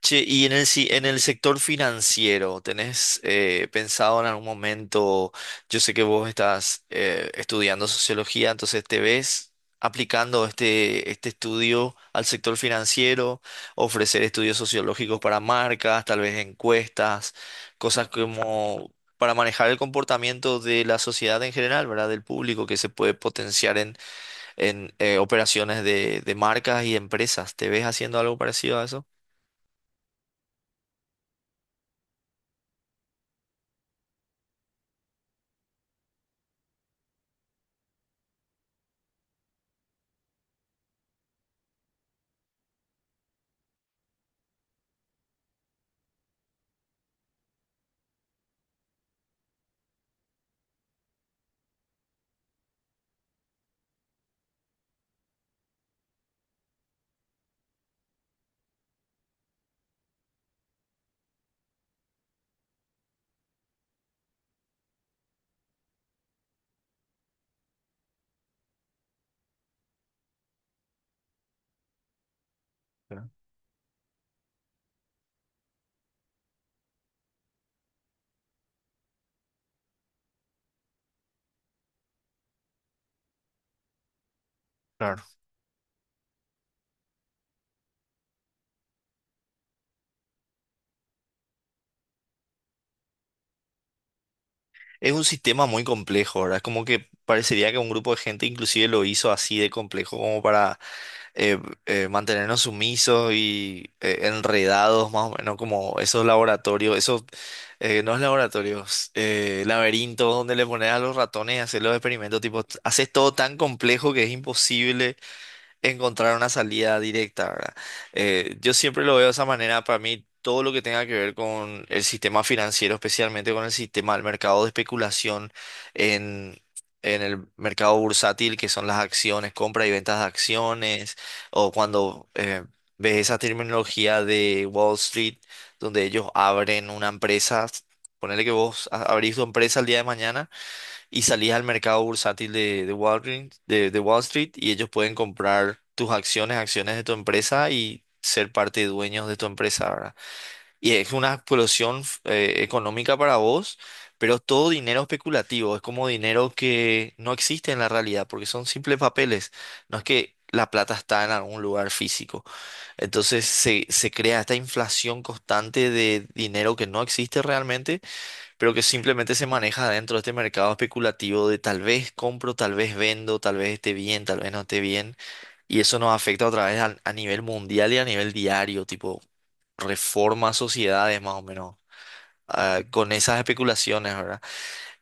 Che, y en el, en el sector financiero, ¿tenés pensado en algún momento? Yo sé que vos estás estudiando sociología, entonces ¿te ves aplicando este estudio al sector financiero? Ofrecer estudios sociológicos para marcas, tal vez encuestas, cosas como para manejar el comportamiento de la sociedad en general, ¿verdad? Del público que se puede potenciar en operaciones de marcas y empresas. ¿Te ves haciendo algo parecido a eso? Claro. Es un sistema muy complejo, ¿verdad? Es como que parecería que un grupo de gente inclusive lo hizo así de complejo como para eh, mantenernos sumisos y enredados más o menos como esos laboratorios, esos, no es laboratorios, laberintos donde le pones a los ratones y hacer los experimentos, tipo, haces todo tan complejo que es imposible encontrar una salida directa, ¿verdad? Yo siempre lo veo de esa manera. Para mí, todo lo que tenga que ver con el sistema financiero, especialmente con el sistema del mercado de especulación en, en el mercado bursátil, que son las acciones, compra y ventas de acciones, o cuando ves esa terminología de Wall Street, donde ellos abren una empresa. Ponele que vos abrís tu empresa el día de mañana y salís al mercado bursátil de de Wall Street y ellos pueden comprar tus acciones, acciones de tu empresa y ser parte de dueños de tu empresa, ¿verdad? Y es una explosión económica para vos, pero es todo dinero especulativo, es como dinero que no existe en la realidad porque son simples papeles, no es que la plata está en algún lugar físico. Entonces se crea esta inflación constante de dinero que no existe realmente pero que simplemente se maneja dentro de este mercado especulativo de tal vez compro, tal vez vendo, tal vez esté bien, tal vez no esté bien. Y eso nos afecta otra vez a nivel mundial y a nivel diario, tipo reforma sociedades más o menos, con esas especulaciones, ¿verdad?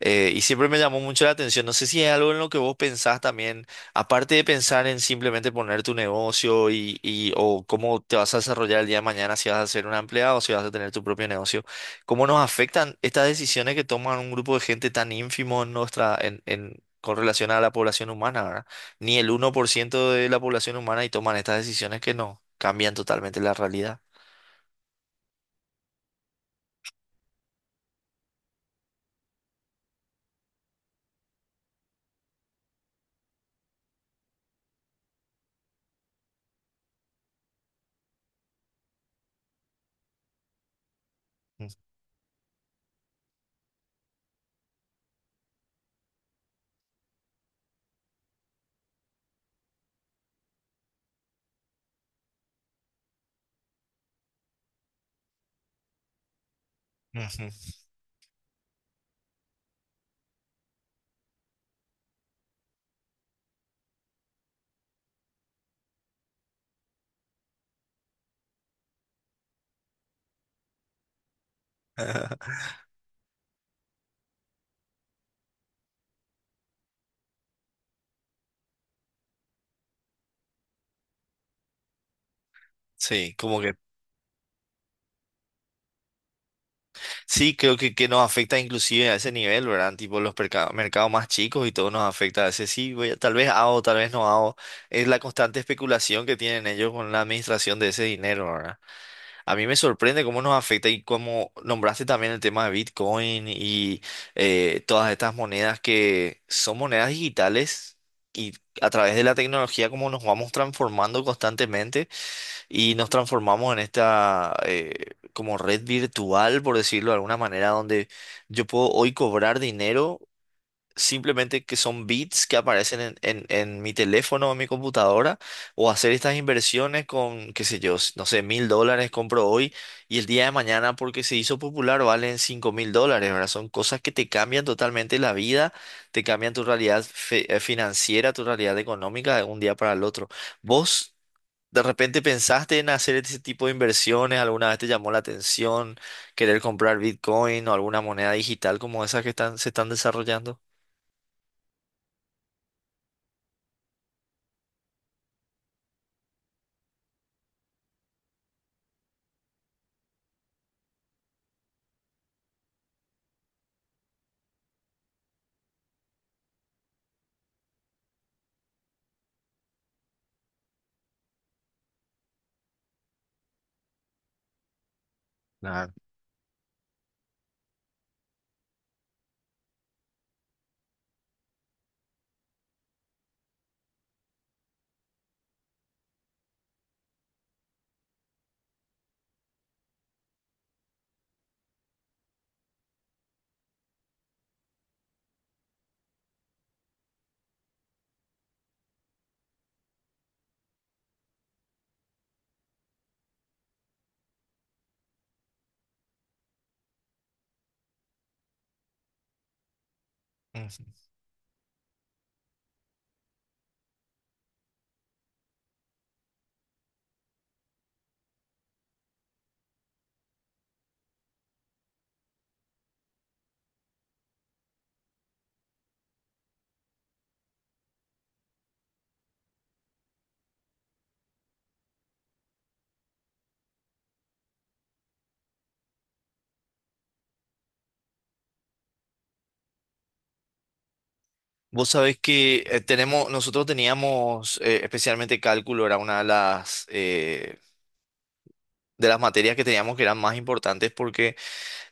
Y siempre me llamó mucho la atención. No sé si es algo en lo que vos pensás también, aparte de pensar en simplemente poner tu negocio o cómo te vas a desarrollar el día de mañana, si vas a ser un empleado o si vas a tener tu propio negocio, ¿cómo nos afectan estas decisiones que toman un grupo de gente tan ínfimo en nuestra, con relación a la población humana, ¿verdad? Ni el 1% de la población humana y toman estas decisiones que no cambian totalmente la realidad. Ujú. Sí, como que sí, creo que nos afecta inclusive a ese nivel, ¿verdad? Tipo los mercados más chicos y todo nos afecta a ese sí, tal vez hago, tal vez no hago. Es la constante especulación que tienen ellos con la administración de ese dinero, ¿verdad? A mí me sorprende cómo nos afecta y cómo nombraste también el tema de Bitcoin y todas estas monedas que son monedas digitales y a través de la tecnología cómo nos vamos transformando constantemente y nos transformamos en esta como red virtual, por decirlo de alguna manera, donde yo puedo hoy cobrar dinero simplemente que son bits que aparecen en mi teléfono o en mi computadora, o hacer estas inversiones con, qué sé yo, no sé, $1000 compro hoy y el día de mañana porque se hizo popular valen $5000, ¿verdad? Son cosas que te cambian totalmente la vida, te cambian tu realidad financiera, tu realidad económica de un día para el otro. ¿Vos? ¿De repente pensaste en hacer ese tipo de inversiones? ¿Alguna vez te llamó la atención querer comprar Bitcoin o alguna moneda digital como esas que están, se están desarrollando? Ujú. Vos sabés que tenemos, nosotros teníamos especialmente cálculo, era una de las materias que teníamos que eran más importantes porque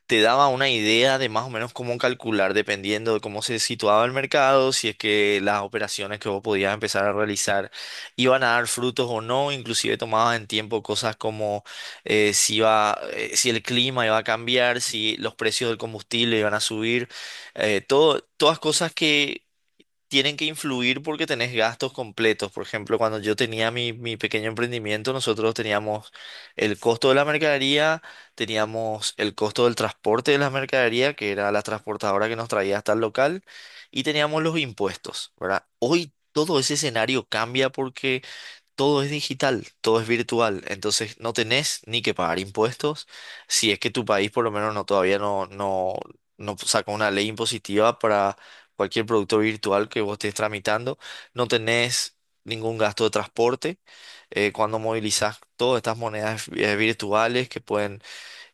te daba una idea de más o menos cómo calcular dependiendo de cómo se situaba el mercado, si es que las operaciones que vos podías empezar a realizar iban a dar frutos o no, inclusive tomabas en tiempo cosas como si iba, si el clima iba a cambiar, si los precios del combustible iban a subir, todas cosas que tienen que influir porque tenés gastos completos. Por ejemplo, cuando yo tenía mi pequeño emprendimiento, nosotros teníamos el costo de la mercadería, teníamos el costo del transporte de la mercadería, que era la transportadora que nos traía hasta el local, y teníamos los impuestos, ¿verdad? Hoy todo ese escenario cambia porque todo es digital, todo es virtual, entonces no tenés ni que pagar impuestos, si es que tu país por lo menos no todavía no saca una ley impositiva para cualquier producto virtual que vos estés tramitando, no tenés ningún gasto de transporte cuando movilizás todas estas monedas virtuales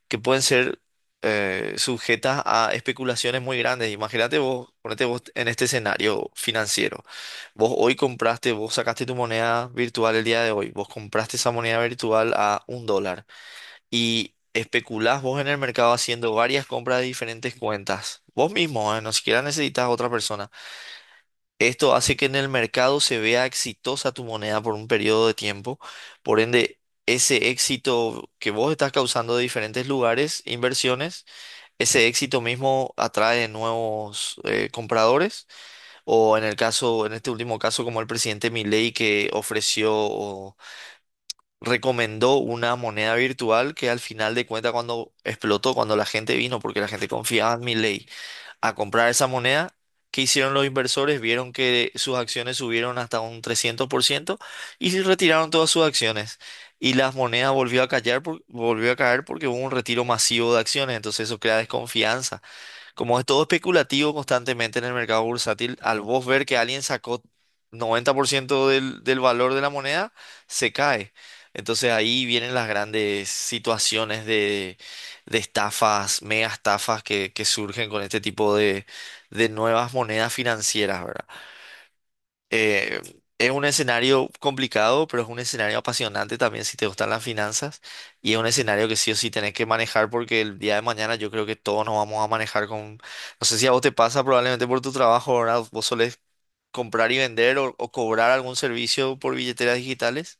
que pueden ser sujetas a especulaciones muy grandes. Imagínate vos, ponete vos en este escenario financiero. Vos hoy compraste, vos sacaste tu moneda virtual el día de hoy, vos compraste esa moneda virtual a un dólar y especulás vos en el mercado haciendo varias compras de diferentes cuentas. Vos mismo, no siquiera necesitas a otra persona. Esto hace que en el mercado se vea exitosa tu moneda por un periodo de tiempo. Por ende, ese éxito que vos estás causando de diferentes lugares, inversiones, ese éxito mismo atrae nuevos compradores. O en el caso, en este último caso, como el presidente Milei que ofreció o recomendó una moneda virtual que al final de cuentas cuando explotó, cuando la gente vino, porque la gente confiaba en Milei a comprar esa moneda. ¿Qué hicieron los inversores? Vieron que sus acciones subieron hasta un 300% y se retiraron todas sus acciones. Y las monedas volvió a caer porque hubo un retiro masivo de acciones. Entonces eso crea desconfianza. Como es todo especulativo constantemente en el mercado bursátil, al vos ver que alguien sacó 90% del valor de la moneda, se cae. Entonces ahí vienen las grandes situaciones de estafas, mega estafas que surgen con este tipo de nuevas monedas financieras, ¿verdad? Eh, es un escenario complicado, pero es un escenario apasionante también si te gustan las finanzas. Y es un escenario que sí o sí tenés que manejar porque el día de mañana yo creo que todos nos vamos a manejar con... No sé si a vos te pasa probablemente por tu trabajo, ¿verdad? Vos solés comprar y vender o cobrar algún servicio por billeteras digitales.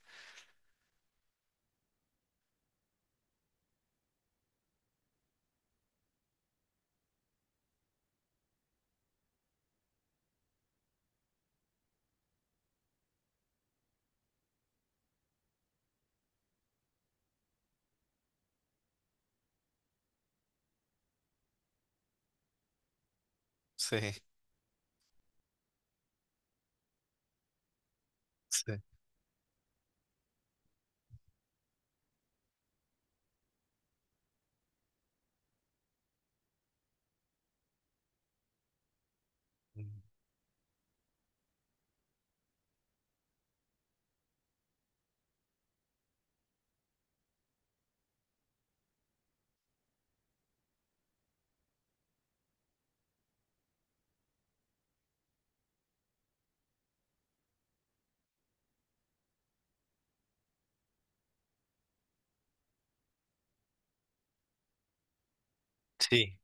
Sí, sí. Mm. Sí,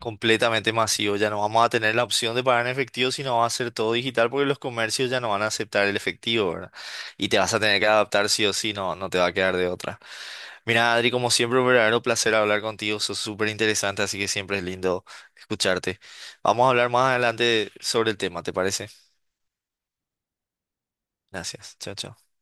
completamente masivo. Ya no vamos a tener la opción de pagar en efectivo, sino va a ser todo digital porque los comercios ya no van a aceptar el efectivo, ¿verdad? Y te vas a tener que adaptar sí o sí, no, no te va a quedar de otra. Mira, Adri, como siempre, un verdadero placer hablar contigo. Sos súper interesante, así que siempre es lindo escucharte. Vamos a hablar más adelante sobre el tema, ¿te parece? Gracias. Chao, chao.